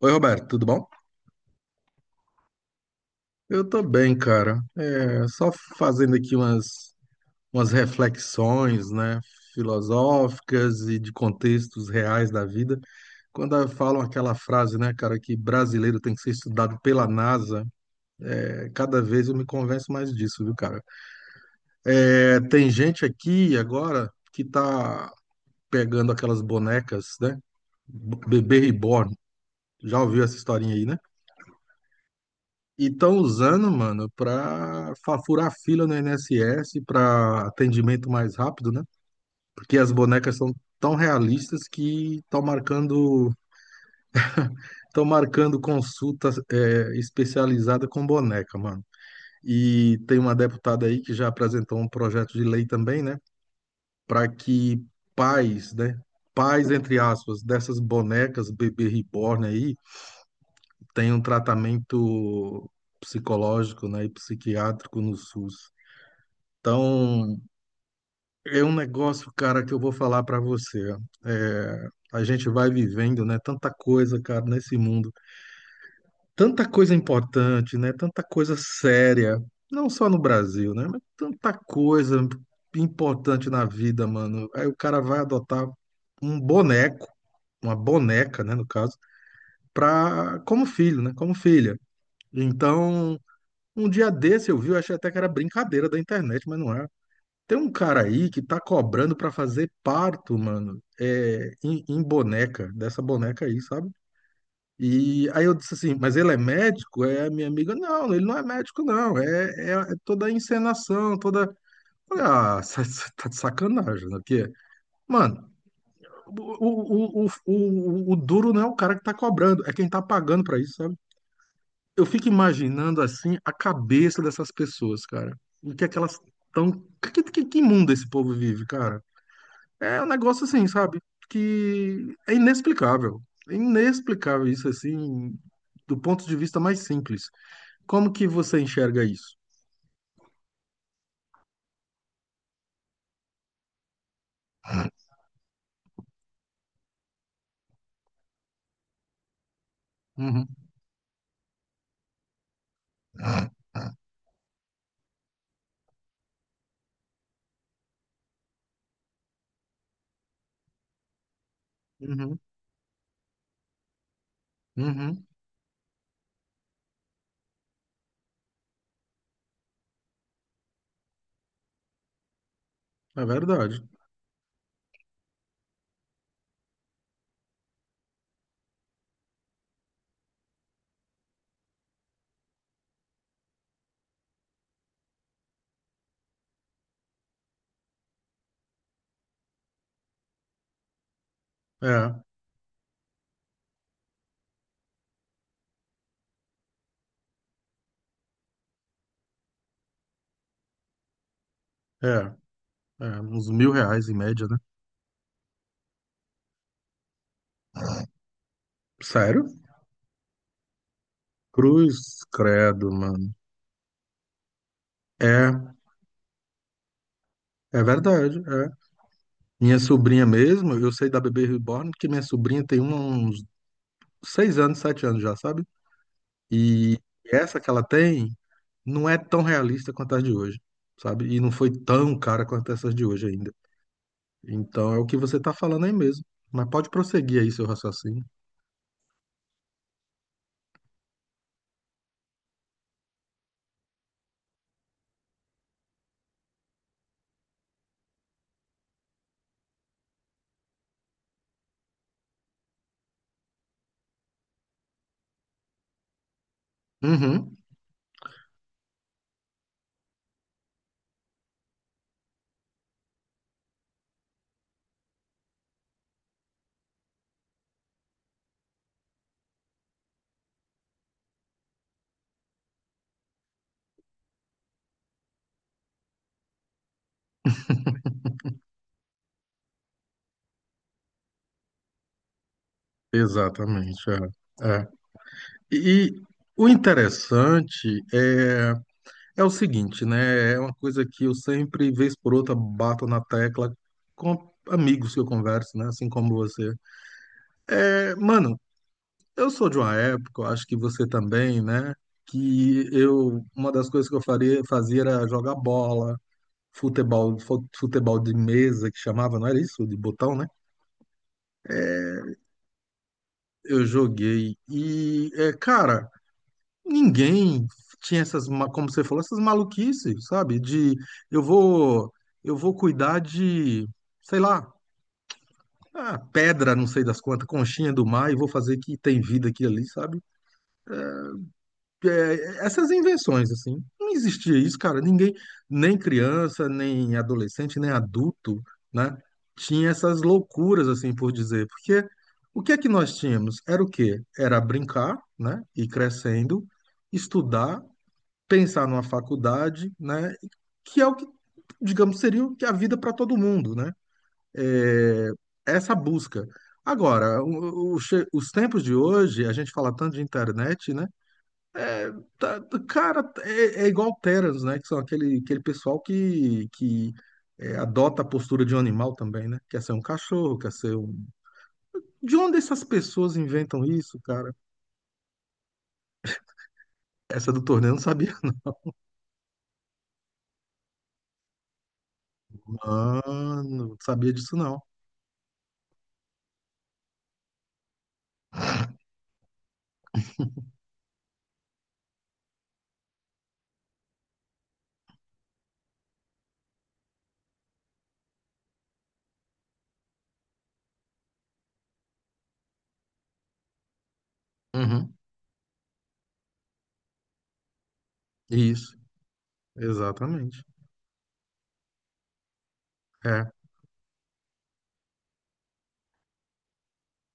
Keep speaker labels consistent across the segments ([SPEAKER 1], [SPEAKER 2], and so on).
[SPEAKER 1] Oi, Roberto, tudo bom? Eu tô bem, cara. É, só fazendo aqui umas reflexões, né, filosóficas e de contextos reais da vida. Quando falam aquela frase, né, cara, que brasileiro tem que ser estudado pela NASA, é, cada vez eu me convenço mais disso, viu, cara? É, tem gente aqui agora que tá pegando aquelas bonecas, né? Bebê reborn. Já ouviu essa historinha aí, né? E estão usando, mano, para furar fila no INSS para atendimento mais rápido, né? Porque as bonecas são tão realistas que estão marcando consulta especializada com boneca, mano. E tem uma deputada aí que já apresentou um projeto de lei também, né? Para que pais, né? Pais, entre aspas, dessas bonecas bebê reborn aí tenham tratamento psicológico, né, e psiquiátrico no SUS. Então, é um negócio, cara, que eu vou falar para você. É, a gente vai vivendo, né, tanta coisa, cara, nesse mundo, tanta coisa importante, né, tanta coisa séria, não só no Brasil, né, mas tanta coisa importante na vida, mano. Aí o cara vai adotar um boneco, uma boneca, né, no caso, pra, como filho, né, como filha. Então, um dia desse eu vi, eu achei até que era brincadeira da internet, mas não é. Tem um cara aí que tá cobrando pra fazer parto, mano, em boneca, dessa boneca aí, sabe? E aí eu disse assim, mas ele é médico? É a minha amiga, não, ele não é médico, não. É toda a encenação, toda. Falei, ah, tá de sacanagem, né? Porque, mano, o duro não é o cara que tá cobrando, é quem tá pagando pra isso, sabe? Eu fico imaginando assim a cabeça dessas pessoas, cara. O que é que elas estão. Que mundo esse povo vive, cara? É um negócio assim, sabe? Que é inexplicável. É inexplicável isso, assim, do ponto de vista mais simples. Como que você enxerga isso? Uhum, uhum, uhum. É verdade. É, é, é. Uns R$ 1.000 em média, né? Sério? Cruz, credo, mano. É, é verdade, é. Minha sobrinha mesmo, eu sei da Bebê Reborn, porque minha sobrinha tem uns 6 anos, 7 anos já, sabe? E essa que ela tem não é tão realista quanto as de hoje, sabe? E não foi tão cara quanto essas de hoje ainda. Então é o que você tá falando aí mesmo. Mas pode prosseguir aí seu raciocínio. Uhum. Exatamente, é. É. E o interessante é, o seguinte, né? É uma coisa que eu sempre, vez por outra, bato na tecla com amigos que eu converso, né? Assim como você. É, mano, eu sou de uma época, eu acho que você também, né? Que eu, uma das coisas que eu faria, fazia era jogar bola, futebol, futebol de mesa, que chamava, não era isso? De botão, né? Eu joguei. E, é, cara, ninguém tinha essas, como você falou, essas maluquices, sabe? De eu vou, eu vou cuidar de, sei lá, ah, pedra, não sei das quantas, conchinha do mar, e vou fazer que tem vida aqui e ali, sabe? É, essas invenções, assim, não existia isso, cara. Ninguém, nem criança, nem adolescente, nem adulto, né, tinha essas loucuras, assim, por dizer. Porque o que é que nós tínhamos? Era o quê? Era brincar, né, ir crescendo, estudar, pensar numa faculdade, né, que é o que, digamos, seria o que é a vida para todo mundo, né? É, essa busca. Agora, os tempos de hoje, a gente fala tanto de internet, né? Tá- cara, é igual Terans, né? Que são aquele pessoal que adota a postura de um animal também, né? Quer ser um cachorro, quer ser um. De onde essas pessoas inventam isso, cara? Essa do torneio eu não sabia. Mano, não sabia disso não. Uhum. Isso, exatamente. É,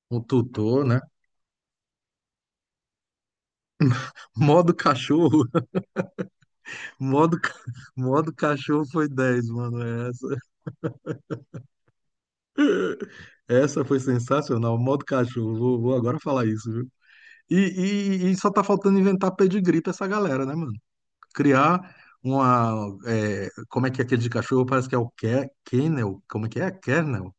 [SPEAKER 1] um tutor, né? Modo cachorro. Modo, ca- modo cachorro foi dez, mano. Essa. Essa foi sensacional. Modo cachorro. Vou agora falar isso, viu? E, e só tá faltando inventar pedigree pra essa galera, né, mano? Criar uma. É, como é que é aquele de cachorro? Parece que é o Kennel. Como é que é? Kennel?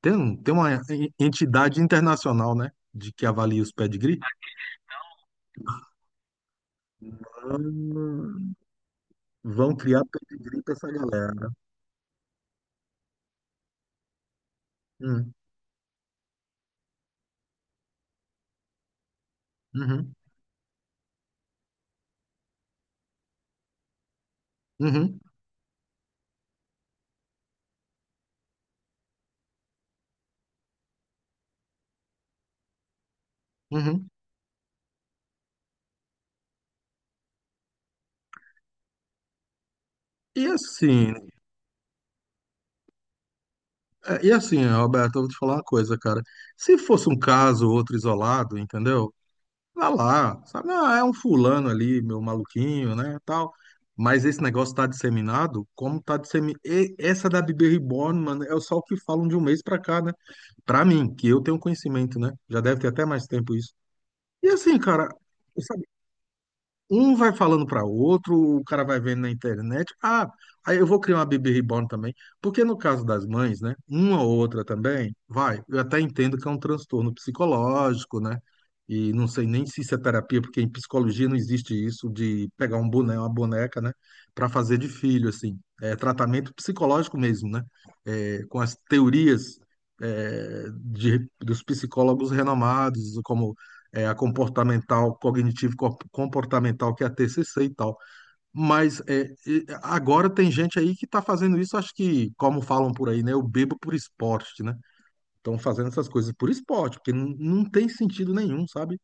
[SPEAKER 1] Tem, tem uma entidade internacional, né? De que avalia os pedigree. Ah, vão criar pedigree pra essa galera. Hum, uhum, uhum, uhum. E assim, e assim, Roberto, eu vou te falar uma coisa, cara. Se fosse um caso ou outro isolado, entendeu? Tá lá, sabe? Ah, é um fulano ali, meu maluquinho, né, tal. Mas esse negócio tá disseminado, como tá disseminado. Essa da Bebê Reborn, mano, é só o que falam de um mês pra cá, né? Pra mim, que eu tenho conhecimento, né? Já deve ter até mais tempo isso. E assim, cara, um vai falando para outro, o cara vai vendo na internet. Ah, aí eu vou criar uma baby Reborn também. Porque no caso das mães, né? Uma ou outra também, vai. Eu até entendo que é um transtorno psicológico, né? E não sei nem se isso é terapia, porque em psicologia não existe isso de pegar um boneco, uma boneca, né? Para fazer de filho, assim. É tratamento psicológico mesmo, né? É, com as teorias, dos psicólogos renomados, como é, a comportamental, cognitivo comportamental, que é a TCC e tal. Mas é, e agora tem gente aí que está fazendo isso, acho que, como falam por aí, né? Eu bebo por esporte, né? Estão fazendo essas coisas por esporte, porque não, não tem sentido nenhum, sabe?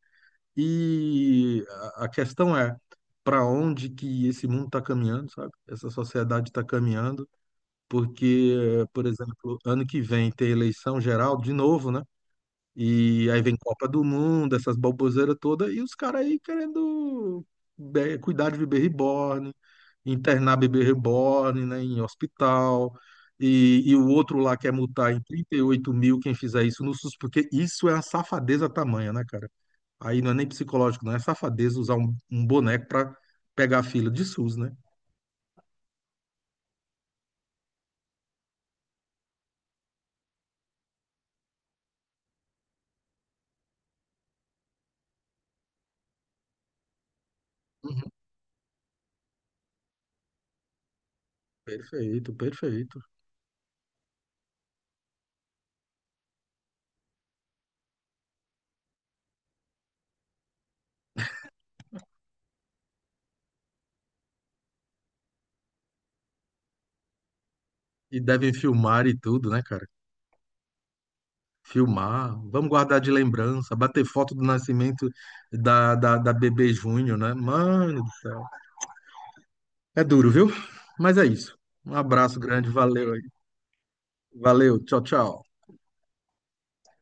[SPEAKER 1] E a questão é para onde que esse mundo está caminhando, sabe? Essa sociedade está caminhando, porque, por exemplo, ano que vem tem eleição geral de novo, né? E aí vem Copa do Mundo, essas baboseiras todas, e os caras aí querendo cuidar de bebê reborn, internar bebê reborn, né, em hospital. E o outro lá quer multar em 38 mil quem fizer isso no SUS, porque isso é uma safadeza tamanha, né, cara? Aí não é nem psicológico, não é safadeza usar um boneco pra pegar a fila de SUS, né? Uhum. Perfeito, perfeito. E devem filmar e tudo, né, cara? Filmar, vamos guardar de lembrança, bater foto do nascimento da bebê Júnior, né? Mano do céu. É duro, viu? Mas é isso. Um abraço grande, valeu aí. Valeu, tchau, tchau.